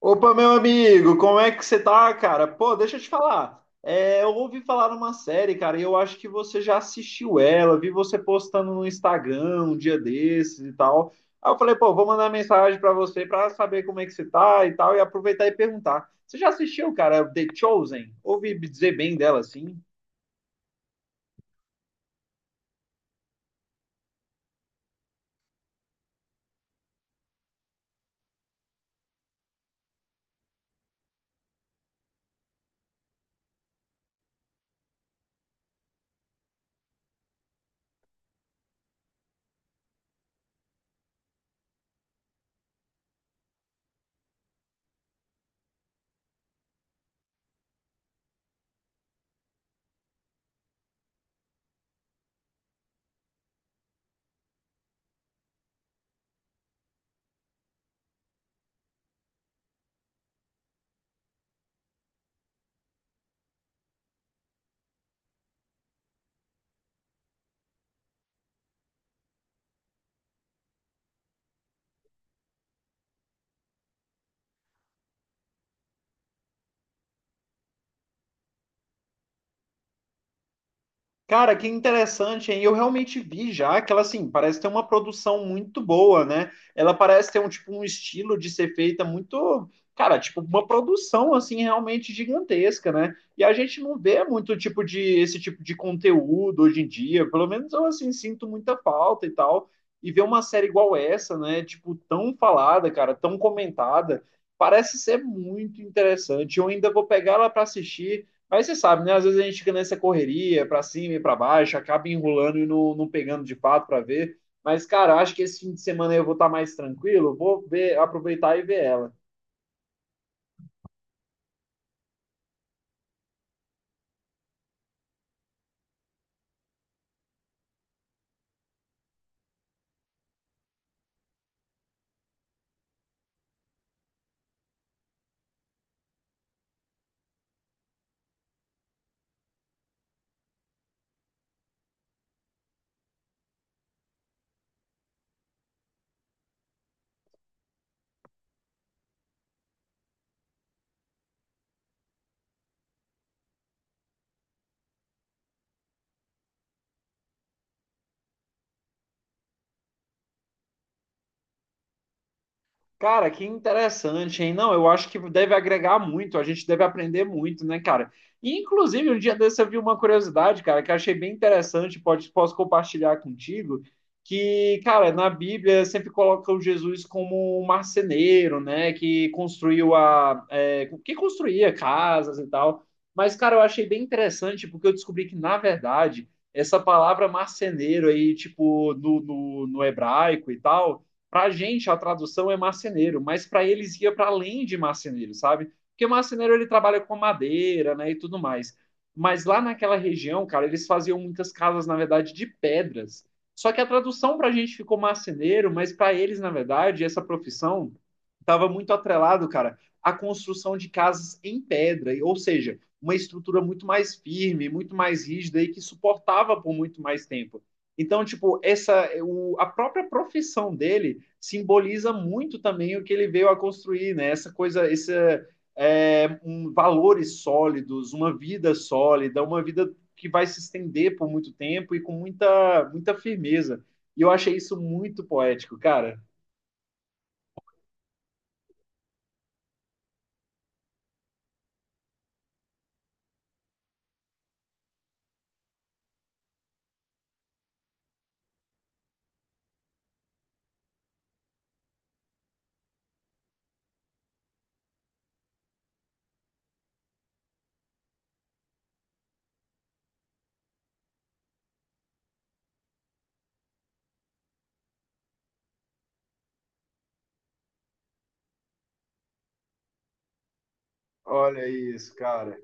Opa, meu amigo, como é que você tá, cara? Pô, deixa eu te falar. É, eu ouvi falar uma série, cara, e eu acho que você já assistiu ela, vi você postando no Instagram um dia desses e tal. Aí eu falei, pô, vou mandar mensagem pra você pra saber como é que você tá e tal, e aproveitar e perguntar. Você já assistiu, cara, The Chosen? Ouvi dizer bem dela, assim. Cara, que interessante, hein? Eu realmente vi já que ela, assim, parece ter uma produção muito boa, né? Ela parece ter um, tipo, um estilo de ser feita muito, cara, tipo, uma produção, assim, realmente gigantesca, né? E a gente não vê muito tipo de, esse tipo de conteúdo hoje em dia, pelo menos eu, assim, sinto muita falta e tal. E ver uma série igual essa, né? Tipo, tão falada, cara, tão comentada, parece ser muito interessante. Eu ainda vou pegar ela para assistir. Mas você sabe, né? Às vezes a gente fica nessa correria, para cima e para baixo, acaba enrolando e não pegando de fato para ver. Mas, cara, acho que esse fim de semana aí eu vou estar mais tranquilo, vou ver, aproveitar e ver ela. Cara, que interessante, hein? Não, eu acho que deve agregar muito, a gente deve aprender muito, né, cara? E, inclusive, um dia desse eu vi uma curiosidade, cara, que eu achei bem interessante, pode, posso compartilhar contigo, que, cara, na Bíblia sempre coloca o Jesus como um marceneiro, né, que construiu a... é, que construía casas e tal. Mas, cara, eu achei bem interessante porque eu descobri que, na verdade, essa palavra marceneiro aí, tipo, no hebraico e tal para a gente, a tradução é marceneiro, mas para eles ia para além de marceneiro, sabe? Porque marceneiro ele trabalha com madeira, né, e tudo mais. Mas lá naquela região, cara, eles faziam muitas casas, na verdade, de pedras. Só que a tradução para a gente ficou marceneiro, mas para eles, na verdade, essa profissão estava muito atrelado, cara, à construção de casas em pedra, ou seja, uma estrutura muito mais firme, muito mais rígida e que suportava por muito mais tempo. Então, tipo, essa o, a própria profissão dele simboliza muito também o que ele veio a construir, né? Essa coisa, esse é, um, valores sólidos, uma vida sólida, uma vida que vai se estender por muito tempo e com muita, muita firmeza. E eu achei isso muito poético, cara. Olha isso, cara.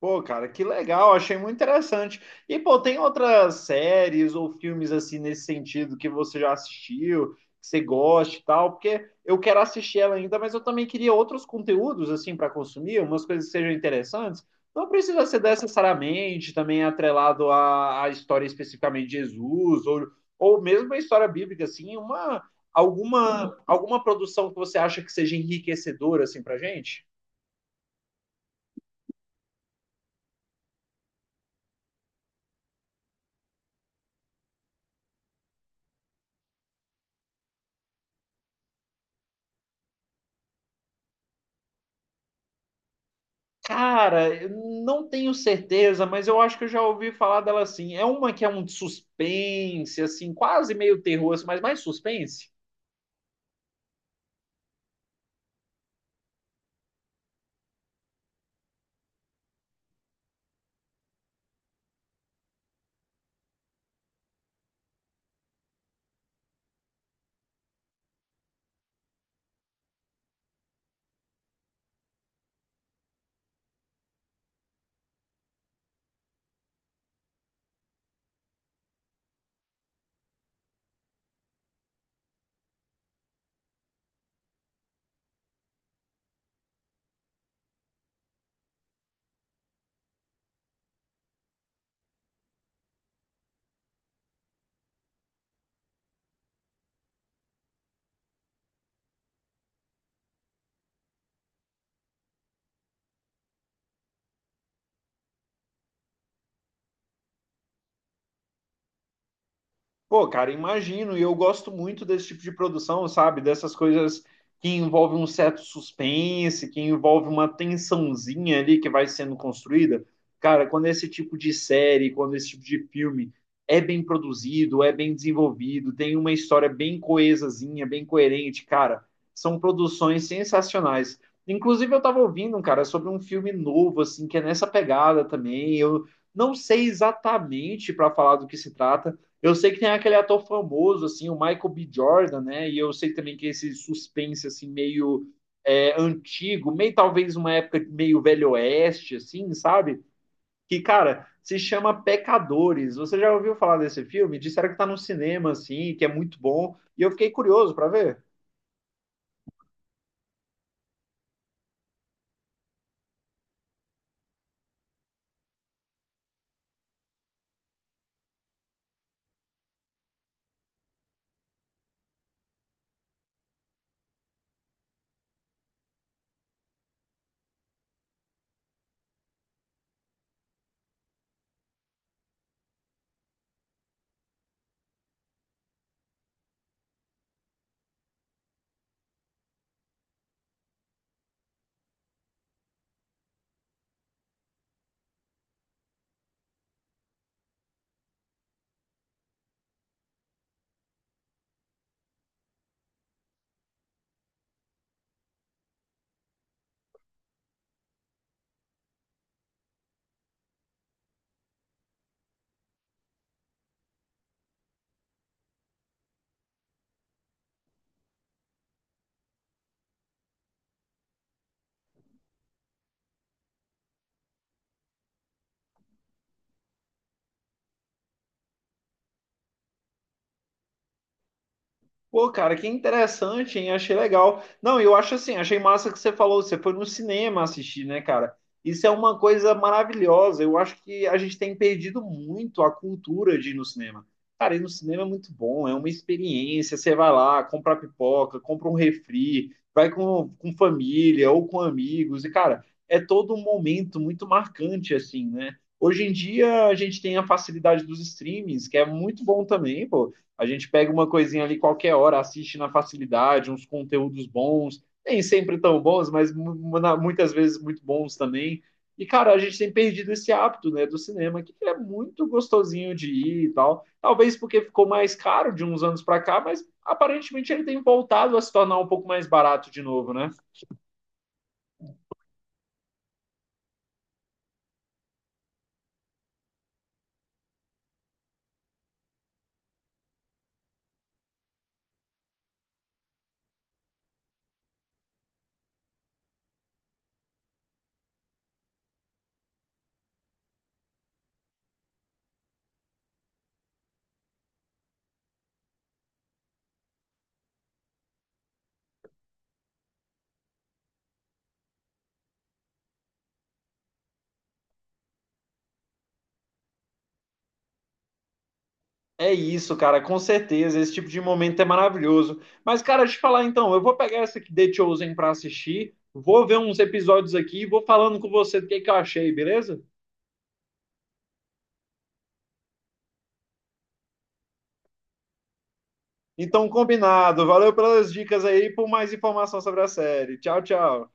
Pô, cara, que legal, achei muito interessante. E, pô, tem outras séries ou filmes assim nesse sentido que você já assistiu, que você gosta e tal? Porque eu quero assistir ela ainda, mas eu também queria outros conteúdos assim para consumir, umas coisas que sejam interessantes. Não precisa ser necessariamente também atrelado à, à história especificamente de Jesus ou mesmo a história bíblica, assim, uma alguma produção que você acha que seja enriquecedora assim pra gente? Cara, eu não tenho certeza, mas eu acho que eu já ouvi falar dela assim. É uma que é um suspense, assim, quase meio terror, assim, mas mais suspense. Pô, cara, imagino, e eu gosto muito desse tipo de produção, sabe? Dessas coisas que envolvem um certo suspense, que envolve uma tensãozinha ali que vai sendo construída. Cara, quando esse tipo de série, quando esse tipo de filme é bem produzido, é bem desenvolvido, tem uma história bem coesazinha, bem coerente, cara, são produções sensacionais. Inclusive, eu tava ouvindo, cara, sobre um filme novo, assim, que é nessa pegada também. Eu não sei exatamente para falar do que se trata eu sei que tem aquele ator famoso, assim, o Michael B. Jordan, né? E eu sei também que esse suspense, assim, meio é, antigo, meio talvez uma época meio velho oeste, assim, sabe? Que, cara, se chama Pecadores. Você já ouviu falar desse filme? Disseram que tá no cinema, assim, que é muito bom. E eu fiquei curioso para ver. Pô, cara, que interessante, hein? Achei legal. Não, eu acho assim, achei massa que você falou, você foi no cinema assistir, né, cara? Isso é uma coisa maravilhosa. Eu acho que a gente tem perdido muito a cultura de ir no cinema. Cara, ir no cinema é muito bom, é uma experiência. Você vai lá, compra pipoca, compra um refri, vai com família ou com amigos. E, cara, é todo um momento muito marcante, assim, né? Hoje em dia a gente tem a facilidade dos streamings, que é muito bom também, pô. A gente pega uma coisinha ali qualquer hora, assiste na facilidade, uns conteúdos bons, nem sempre tão bons, mas muitas vezes muito bons também. E, cara, a gente tem perdido esse hábito, né, do cinema, que é muito gostosinho de ir e tal. Talvez porque ficou mais caro de uns anos para cá, mas aparentemente ele tem voltado a se tornar um pouco mais barato de novo, né? É isso, cara, com certeza. Esse tipo de momento é maravilhoso. Mas, cara, deixa eu te falar então, eu vou pegar essa aqui, The Chosen, pra assistir, vou ver uns episódios aqui e vou falando com você do que eu achei, beleza? Então, combinado. Valeu pelas dicas aí e por mais informação sobre a série. Tchau, tchau.